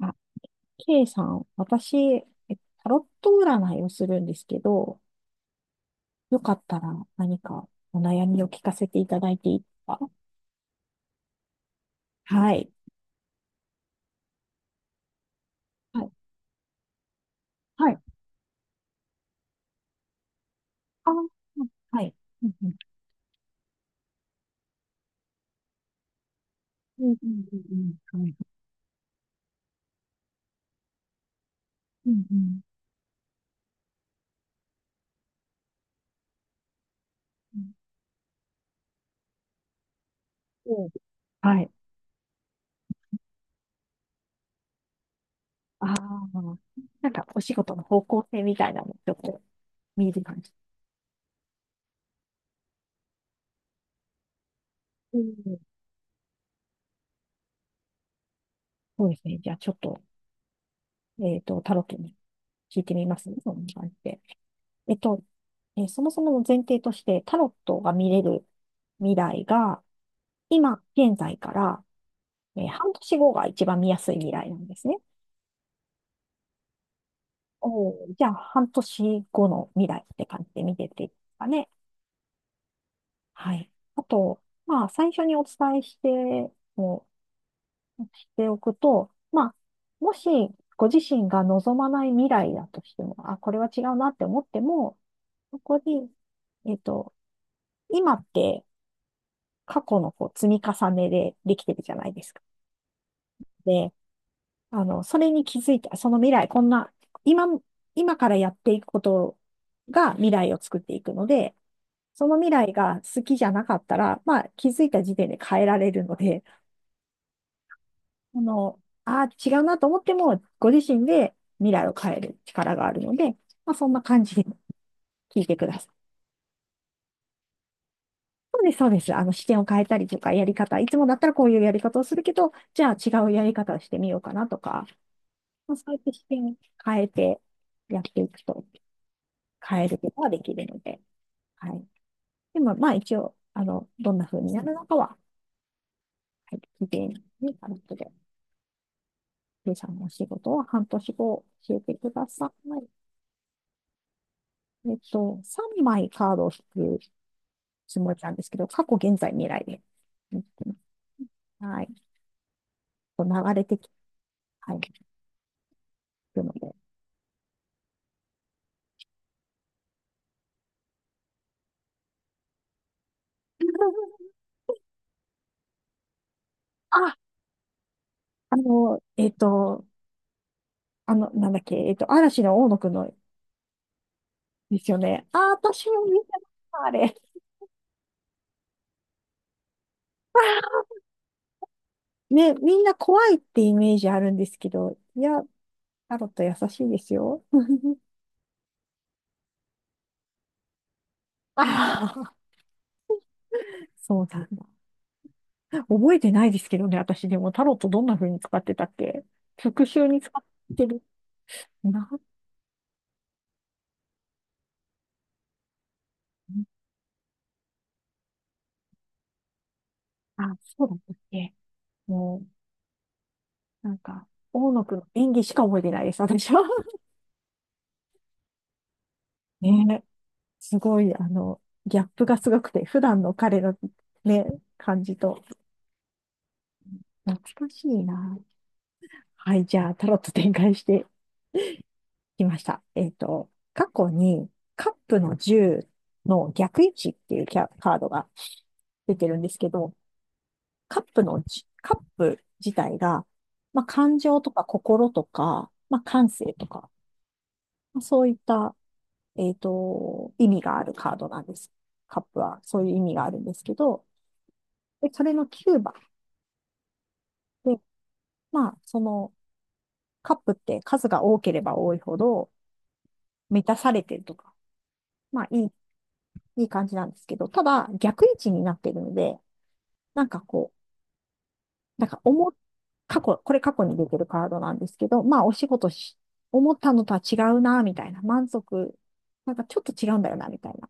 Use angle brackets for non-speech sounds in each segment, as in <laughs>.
あ、K さん、私、タロット占いをするんですけど、よかったら何かお悩みを聞かせていただいていいですか？はい。はい。はい。あー、はい。うんうん。うんうんうんうん。はい。うんうん。うん。おう。はい。ああ、なんかお仕事の方向性みたいなの、ちょっと見える感じ。うん、そうですね。じゃあちょっと、タロットに聞いてみますね。そんな感じで。えっと、そもそもの前提として、タロットが見れる未来が、今、現在から、半年後が一番見やすい未来なんですね。おー、じゃあ、半年後の未来って感じで見てていいですかね。はい。あと、まあ、最初にお伝えして、もしておくと、まあ、もし、ご自身が望まない未来だとしても、あ、これは違うなって思っても、そこに、えっと、今って過去のこう積み重ねでできてるじゃないですか。で、あの、それに気づいて、その未来、こんな、今、今からやっていくことが未来を作っていくので、その未来が好きじゃなかったら、まあ気づいた時点で変えられるので、あの、ああ、違うなと思っても、ご自身で未来を変える力があるので、まあそんな感じで聞いてください。そうです、そうです。あの、視点を変えたりとか、やり方、いつもだったらこういうやり方をするけど、じゃあ違うやり方をしてみようかなとか、まあ、そうやって視点を変えてやっていくと変えることができるので、はい。でも、まあ一応、あの、どんな風になるのかは、はい、聞いてにあの後で、K さんのお仕事は半年後教えてください。えっと、3枚カードを引くつもりなんですけど、過去、現在、未来で。はい。こう流れてき、はい、いくので。<laughs> あ、あの、えっと、あの、なんだっけ、えっと、嵐の大野くんのですよね。あ、私も見てました、あれ。ね、みんな怖いってイメージあるんですけど、いや、タロット優しいですよ。<laughs> ああ、そうなんだ。覚えてないですけどね、私でもタロットどんな風に使ってたっけ、復習に使ってるな。あ、そうだったっけ。もう、なんか、大野くんの演技しか覚えてないです、私は。<laughs> ね、すごい、あの、ギャップがすごくて、普段の彼の、ね、感じと、懐かしいな。はい、じゃあ、タロット展開して来ました。えっと、過去にカップの10の逆位置っていうカードが出てるんですけど、カップ自体が、まあ、感情とか心とか、まあ、感性とか、まあ、そういった、えっと、意味があるカードなんです。カップはそういう意味があるんですけど、で、それの9番で、まあ、そのカップって数が多ければ多いほど満たされてるとか、まあ、いい感じなんですけど、ただ逆位置になっているので、なんかこう、なんか思っ、過去、これ過去に出てるカードなんですけど、まあお仕事し、思ったのとは違うな、みたいな、満足、なんかちょっと違うんだよな、みたいな。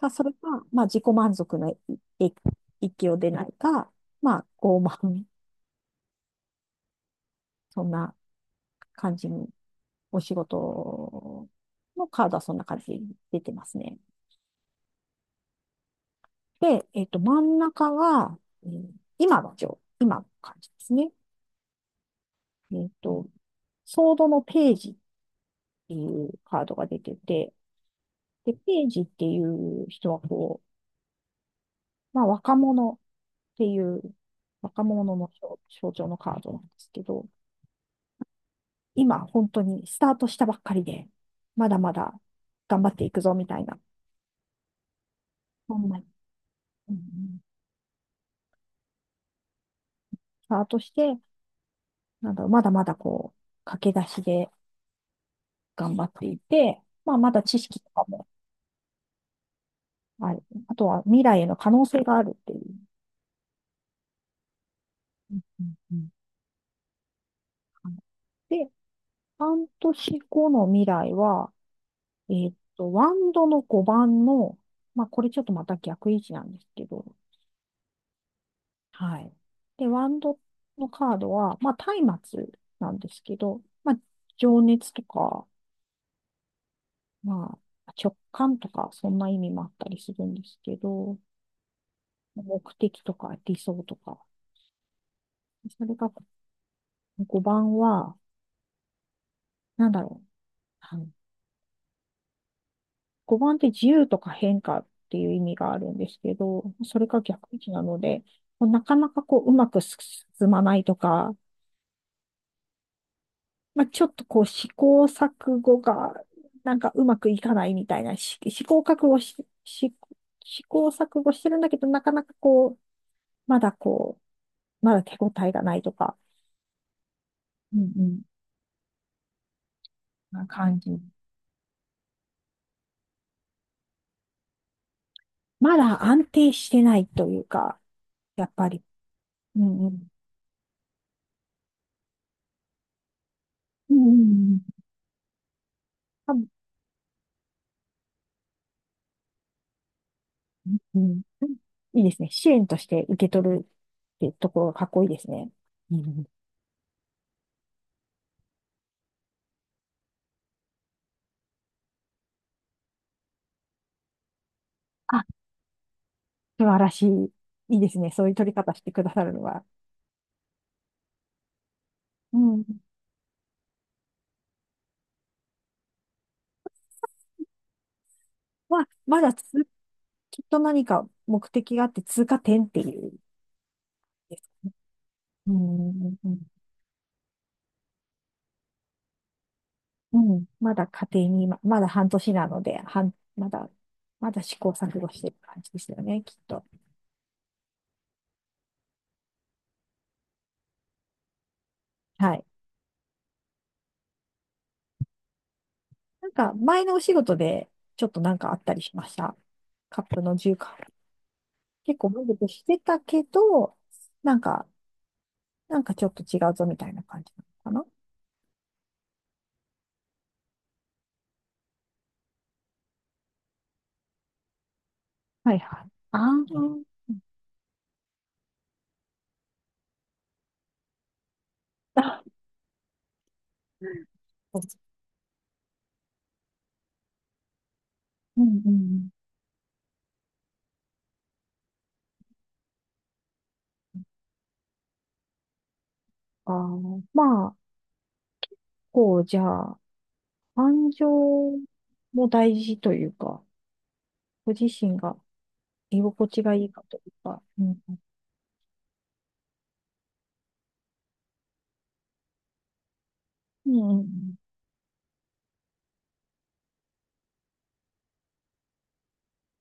ただそれが、まあ自己満足のい域を出ないか、まあ傲慢、そんな感じに、お仕事のカードはそんな感じで出てますね。で、えっと、真ん中が、うん、今の感じですね。えっと、ソードのページっていうカードが出てて、で、ページっていう人はこう、まあ若者っていう若者の象象徴のカードなんですけど、今本当にスタートしたばっかりで、まだまだ頑張っていくぞみたいな、そんな、うんうん。スタートして、なんだろう、まだまだこう、駆け出しで頑張っていて、まあまだ知識とかもある。あとは未来への可能性があるっていう。うんうんうん。で、半年後の未来は、えーっと、ワンドの5番の、まあ、これちょっとまた逆位置なんですけど、はい。で、ワンドのカードは、まあ、松明なんですけど、まあ、情熱とか、まあ、直感とか、そんな意味もあったりするんですけど、目的とか理想とか、それが5番は、なんだろう。はい、5番って自由とか変化っていう意味があるんですけど、それが逆位置なので、こうなかなかこううまく進まないとか、まあ、ちょっとこう試行錯誤がなんかうまくいかないみたいな、し試行錯誤し、し試行錯誤してるんだけど、なかなかこう、まだこまだ手応えがないとか、うんうん。な感じ。まだ安定してないというか、やっぱり、うんうん。うんうんうん。うん。いいですね。支援として受け取るってところがかっこいいですね。うん。あ、素晴らしい。いいですね。そういう取り方してくださるのは。うん。まあ、まだつ、きっと何か目的があって通過点っていう、うん。うん。まだ家庭に、ま、まだ半年なので、半まだ、まだ試行錯誤してる感じですよね、きっと。はい。なんか、前のお仕事で、ちょっとなんかあったりしました。カップの重化結構満足してたけど、なんか、なんかちょっと違うぞみたいな感じなのかな。はいはい。ああ、うんうんうん。ああ、まあ、こう、じゃあ、感情も大事というか、ご自身が居心地がいいかというか、うん。うんうん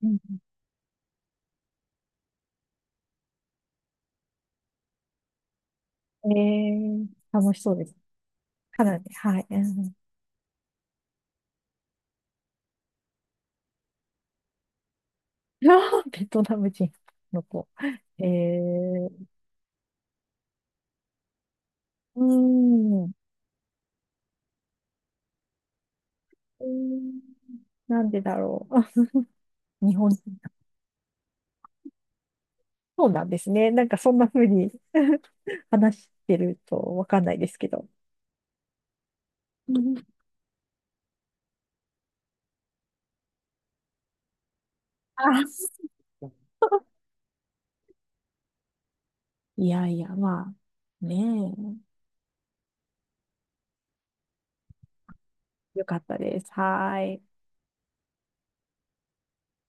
うん。うん、えー、楽しそうです。かなり、はい。うん、<laughs> ベトナム人の子。えー、うん。うん。なんでだろう。あ、日本、そうなんですね。なんかそんな風に <laughs> 話してるとわかんないですけど。うん、あ、いやいや、まあ、ねえ。よかったです。はーい。